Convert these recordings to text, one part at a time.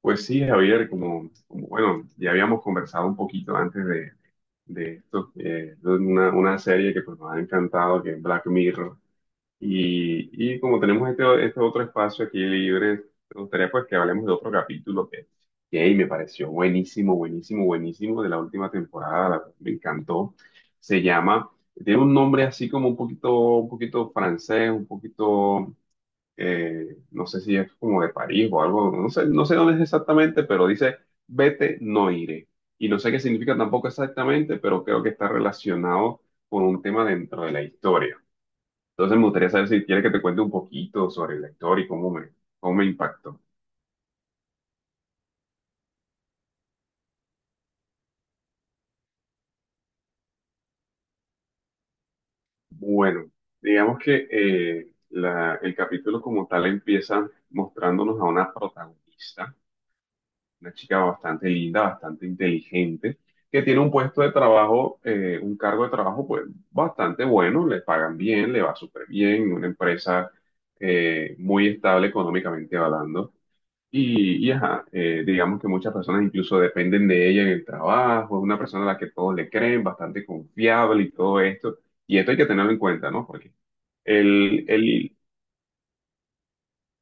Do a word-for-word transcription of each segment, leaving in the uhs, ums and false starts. Pues sí, Javier, como, como, bueno, ya habíamos conversado un poquito antes de, de esto, eh, de una, una serie que pues nos ha encantado, que es Black Mirror, y, y como tenemos este, este otro espacio aquí libre, me gustaría pues que hablemos de otro capítulo que, que hey, me pareció buenísimo, buenísimo, buenísimo de la última temporada. La- me encantó. Se llama, tiene un nombre así como un poquito, un poquito francés, un poquito, eh, no sé si es como de París o algo, no sé, no sé dónde es exactamente, pero dice, vete, no iré. Y no sé qué significa tampoco exactamente, pero creo que está relacionado con un tema dentro de la historia. Entonces me gustaría saber si quieres que te cuente un poquito sobre la historia y cómo me, cómo me impactó. Bueno, digamos que eh, la- el capítulo como tal empieza mostrándonos a una protagonista, una chica bastante linda, bastante inteligente, que tiene un puesto de trabajo, eh, un cargo de trabajo pues bastante bueno. Le pagan bien, le va súper bien, una empresa eh, muy estable económicamente hablando. Y, y ajá, eh, digamos que muchas personas incluso dependen de ella en el trabajo. Es una persona a la que todos le creen, bastante confiable y todo esto. Y esto hay que tenerlo en cuenta, ¿no? Porque el, el,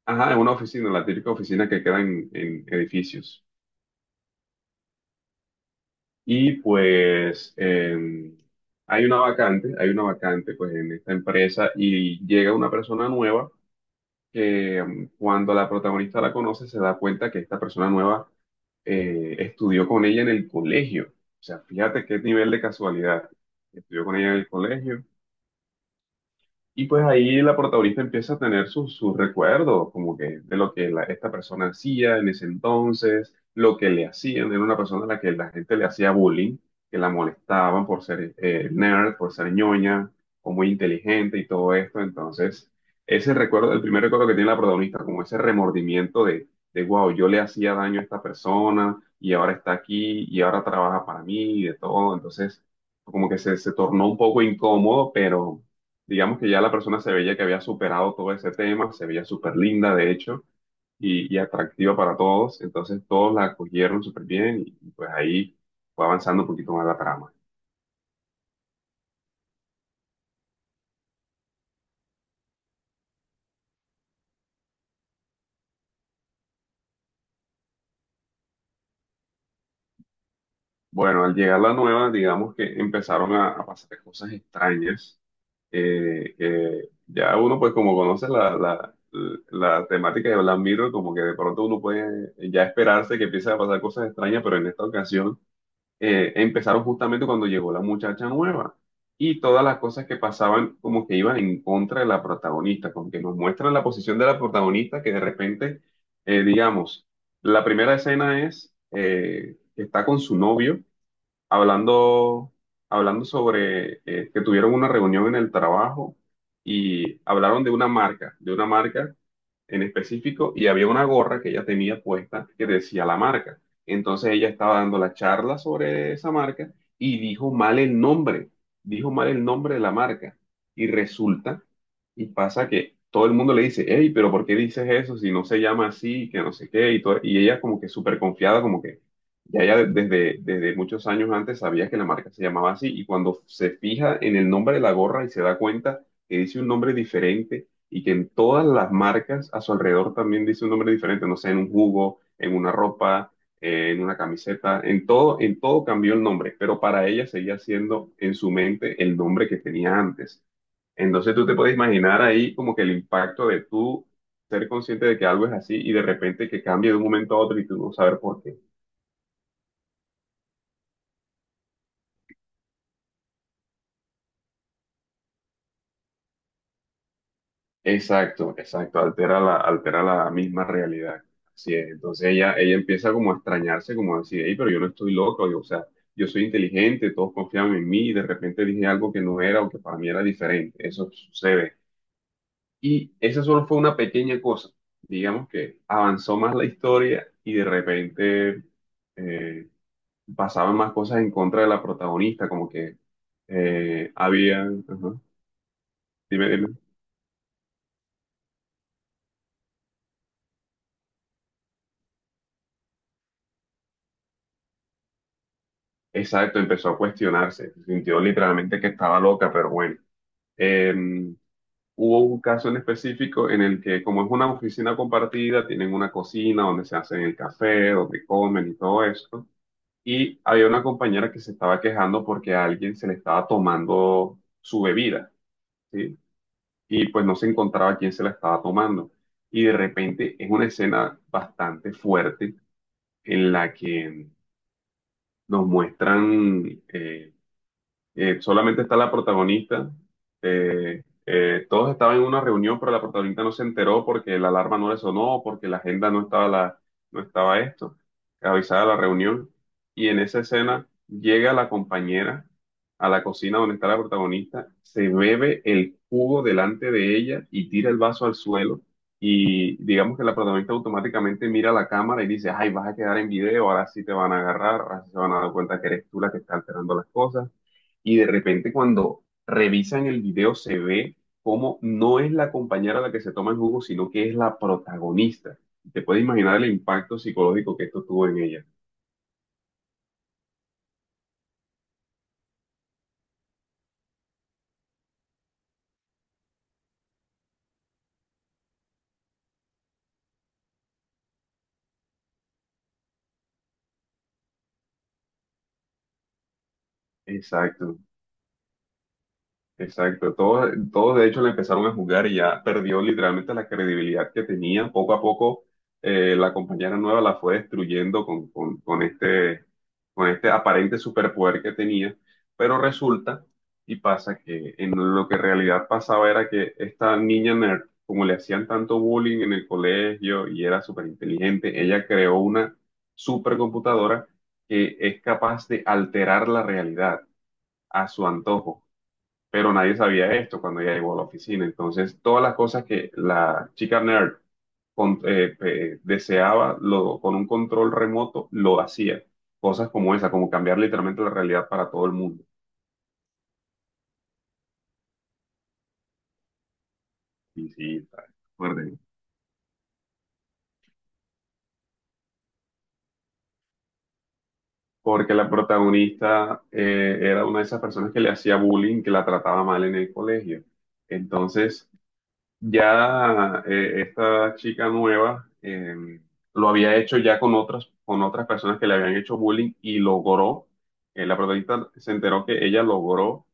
ajá, es una oficina, la típica oficina que queda en en edificios. Y pues em, hay una vacante, hay una vacante pues en esta empresa, y llega una persona nueva que em, cuando la protagonista la conoce, se da cuenta que esta persona nueva, eh, estudió con ella en el colegio. O sea, fíjate qué nivel de casualidad. Estudió con ella en el colegio, y pues ahí la protagonista empieza a tener sus, sus recuerdos, como que de lo que la- esta persona hacía en ese entonces, lo que le hacían. Era una persona a la que la gente le hacía bullying, que la molestaban por ser eh, nerd, por ser ñoña o muy inteligente y todo esto. Entonces, ese recuerdo, el primer recuerdo que tiene la protagonista, como ese remordimiento de, de wow, yo le hacía daño a esta persona y ahora está aquí y ahora trabaja para mí y de todo. Entonces, como que se, se tornó un poco incómodo, pero digamos que ya la persona se veía que había superado todo ese tema. Se veía súper linda, de hecho, y, y atractiva para todos. Entonces todos la acogieron súper bien, y y, pues ahí fue avanzando un poquito más la trama. Bueno, al llegar la nueva, digamos que empezaron a, a pasar cosas extrañas, eh, que ya uno pues como conoce la, la, la temática de Black Mirror, como que de pronto uno puede ya esperarse que empiece a pasar cosas extrañas, pero en esta ocasión eh, empezaron justamente cuando llegó la muchacha nueva. Y todas las cosas que pasaban como que iban en contra de la protagonista, como que nos muestran la posición de la protagonista, que de repente, eh, digamos, la primera escena es, eh, que está con su novio hablando, hablando, sobre, eh, que tuvieron una reunión en el trabajo y hablaron de una marca, de una marca en específico, y había una gorra que ella tenía puesta que decía la marca. Entonces ella estaba dando la charla sobre esa marca, y dijo mal el nombre, dijo mal el nombre de la marca. Y resulta y pasa que todo el mundo le dice, hey, pero ¿por qué dices eso si no se llama así, que no sé qué? Y, todo- y ella como que súper confiada, como que ya ella desde, desde muchos años antes sabía que la marca se llamaba así. Y cuando se fija en el nombre de la gorra, y se da cuenta que dice un nombre diferente, y que en todas las marcas a su alrededor también dice un nombre diferente, no sé, en un jugo, en una ropa, eh, en una camiseta, en todo, en todo cambió el nombre, pero para ella seguía siendo en su mente el nombre que tenía antes. Entonces tú te puedes imaginar ahí como que el impacto de tú ser consciente de que algo es así, y de repente que cambie de un momento a otro y tú no saber por qué. Exacto, exacto, altera la, altera la misma realidad. Así es. Entonces ella, ella empieza como a extrañarse, como a decir, "Ey, pero yo no estoy loco, yo, o sea, yo soy inteligente, todos confiaban en mí, y de repente dije algo que no era, o que para mí era diferente. Eso sucede". Y esa solo fue una pequeña cosa. Digamos que avanzó más la historia, y de repente, eh, pasaban más cosas en contra de la protagonista, como que eh, había... ajá. Dime, dime. Exacto, empezó a cuestionarse, sintió literalmente que estaba loca, pero bueno. Eh, Hubo un caso en específico en el que, como es una oficina compartida, tienen una cocina donde se hacen el café, donde comen y todo esto. Y había una compañera que se estaba quejando porque a alguien se le estaba tomando su bebida, ¿sí? Y pues no se encontraba quién se la estaba tomando. Y de repente es una escena bastante fuerte en la que nos muestran, eh, Eh, solamente está la protagonista. Eh, eh, todos estaban en una reunión, pero la protagonista no se enteró porque la alarma no le sonó, porque la agenda no estaba, la, no estaba esto, avisada la reunión. Y en esa escena llega la compañera a la cocina donde está la protagonista, se bebe el jugo delante de ella y tira el vaso al suelo. Y digamos que la protagonista automáticamente mira a la cámara y dice, ay, vas a quedar en video, ahora sí te van a agarrar, ahora sí se van a dar cuenta que eres tú la que está alterando las cosas. Y de repente, cuando revisan el video, se ve cómo no es la compañera la que se toma el jugo, sino que es la protagonista. Te puedes imaginar el impacto psicológico que esto tuvo en ella. Exacto. Exacto, todos, todos, de hecho le empezaron a jugar, y ya perdió literalmente la credibilidad que tenía. Poco a poco, eh, la compañera nueva la fue destruyendo con, con, con este, con este aparente superpoder que tenía. Pero resulta y pasa que en lo que en realidad pasaba era que esta niña nerd, como le hacían tanto bullying en el colegio y era súper inteligente, ella creó una supercomputadora que es capaz de alterar la realidad a su antojo, pero nadie sabía esto cuando ella llegó a la oficina. Entonces, todas las cosas que la chica nerd con- eh, pe- deseaba, lo, con un control remoto, lo hacía. Cosas como esa, como cambiar literalmente la realidad para todo el mundo. Y sí, está fuerte, ¿no? Porque la protagonista, eh, era una de esas personas que le hacía bullying, que la trataba mal en el colegio. Entonces, ya, eh, esta chica nueva, eh, lo había hecho ya con otras, con otras personas que le habían hecho bullying, y logró, eh, la protagonista se enteró que ella logró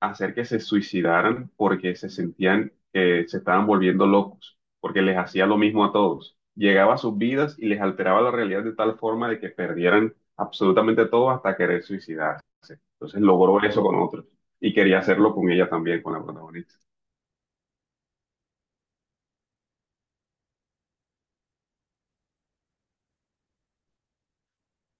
hacer que se suicidaran, porque se sentían que se estaban volviendo locos, porque les hacía lo mismo a todos. Llegaba a sus vidas y les alteraba la realidad de tal forma de que perdieran absolutamente todo hasta querer suicidarse. Entonces logró eso con otros, y quería hacerlo con ella también, con la protagonista.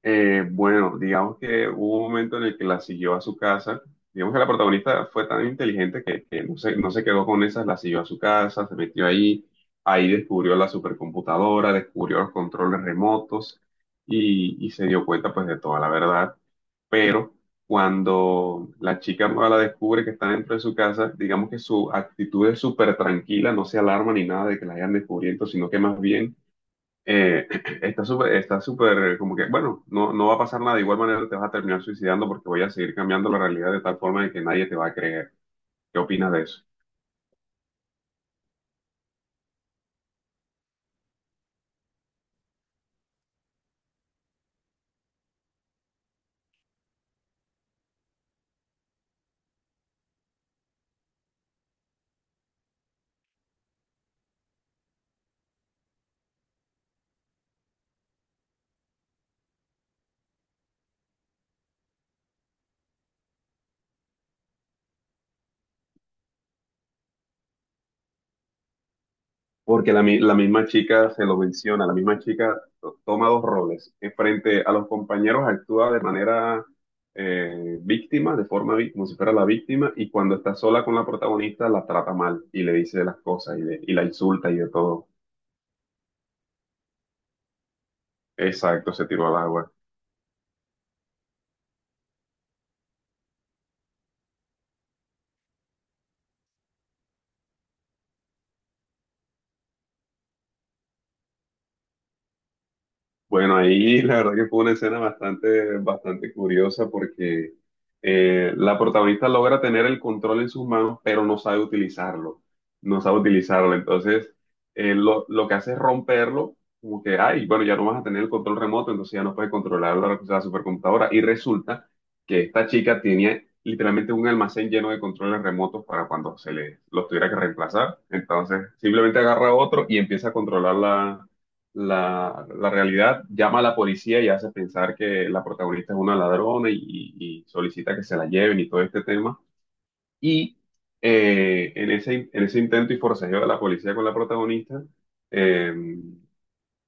Eh, bueno, digamos que hubo un momento en el que la siguió a su casa. Digamos que la protagonista fue tan inteligente que, que no se, no se quedó con esas, la siguió a su casa, se metió ahí, ahí descubrió la supercomputadora, descubrió los controles remotos, y, y se dio cuenta pues de toda la verdad. Pero cuando la chica nueva la descubre que está dentro de su casa, digamos que su actitud es súper tranquila, no se alarma ni nada de que la hayan descubierto, sino que más bien, eh, está súper, está súper, como que, bueno, no, no va a pasar nada. De igual manera te vas a terminar suicidando, porque voy a seguir cambiando la realidad de tal forma de que nadie te va a creer. ¿Qué opinas de eso? Porque la, mi- la misma chica se lo menciona, la misma chica to- toma dos roles. Eh, Frente a los compañeros actúa de manera, eh, víctima, de forma, vi- como si fuera la víctima. Y cuando está sola con la protagonista, la trata mal y le dice las cosas, y, le- y la insulta y de todo. Exacto, se tiró al agua. Bueno, ahí la verdad que fue una escena bastante, bastante curiosa porque, eh, la protagonista logra tener el control en sus manos, pero no sabe utilizarlo, no sabe utilizarlo. Entonces, eh, lo, lo que hace es romperlo, como que, ay, bueno, ya no vas a tener el control remoto, entonces ya no puedes controlar la, la supercomputadora. Y resulta que esta chica tenía literalmente un almacén lleno de controles remotos para cuando se le los tuviera que reemplazar. Entonces, simplemente agarra otro y empieza a controlarla, la, la realidad, llama a la policía y hace pensar que la protagonista es una ladrona, y, y- y solicita que se la lleven y todo este tema. Y, eh, en ese, en ese, intento y forcejeo de la policía con la protagonista, eh,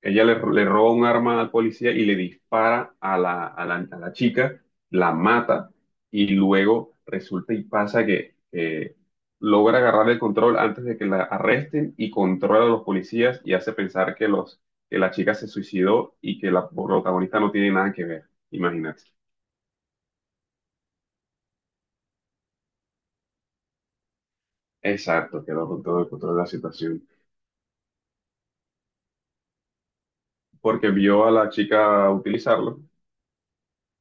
ella le, le roba un arma al policía y le dispara a la, a la, a la chica, la mata. Y luego resulta y pasa que, eh, logra agarrar el control antes de que la arresten, y controla a los policías y hace pensar que, los, que la chica se suicidó y que la protagonista no tiene nada que ver. Imagínate. Exacto, quedó con todo el control de la situación. Porque vio a la chica utilizarlo,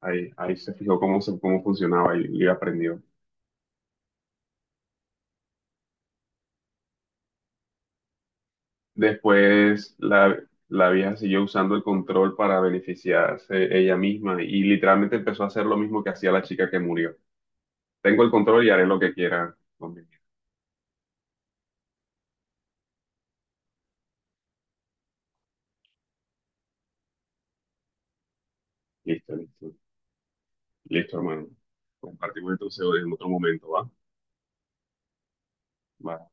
ahí, ahí, se fijó cómo, se- cómo funcionaba, y, y aprendió. Después la, la vieja siguió usando el control para beneficiarse ella misma, y literalmente empezó a hacer lo mismo que hacía la chica que murió. Tengo el control y haré lo que quiera con mi vida. Listo, listo. Listo, hermano. Compartimos entonces en otro momento, ¿va? Va.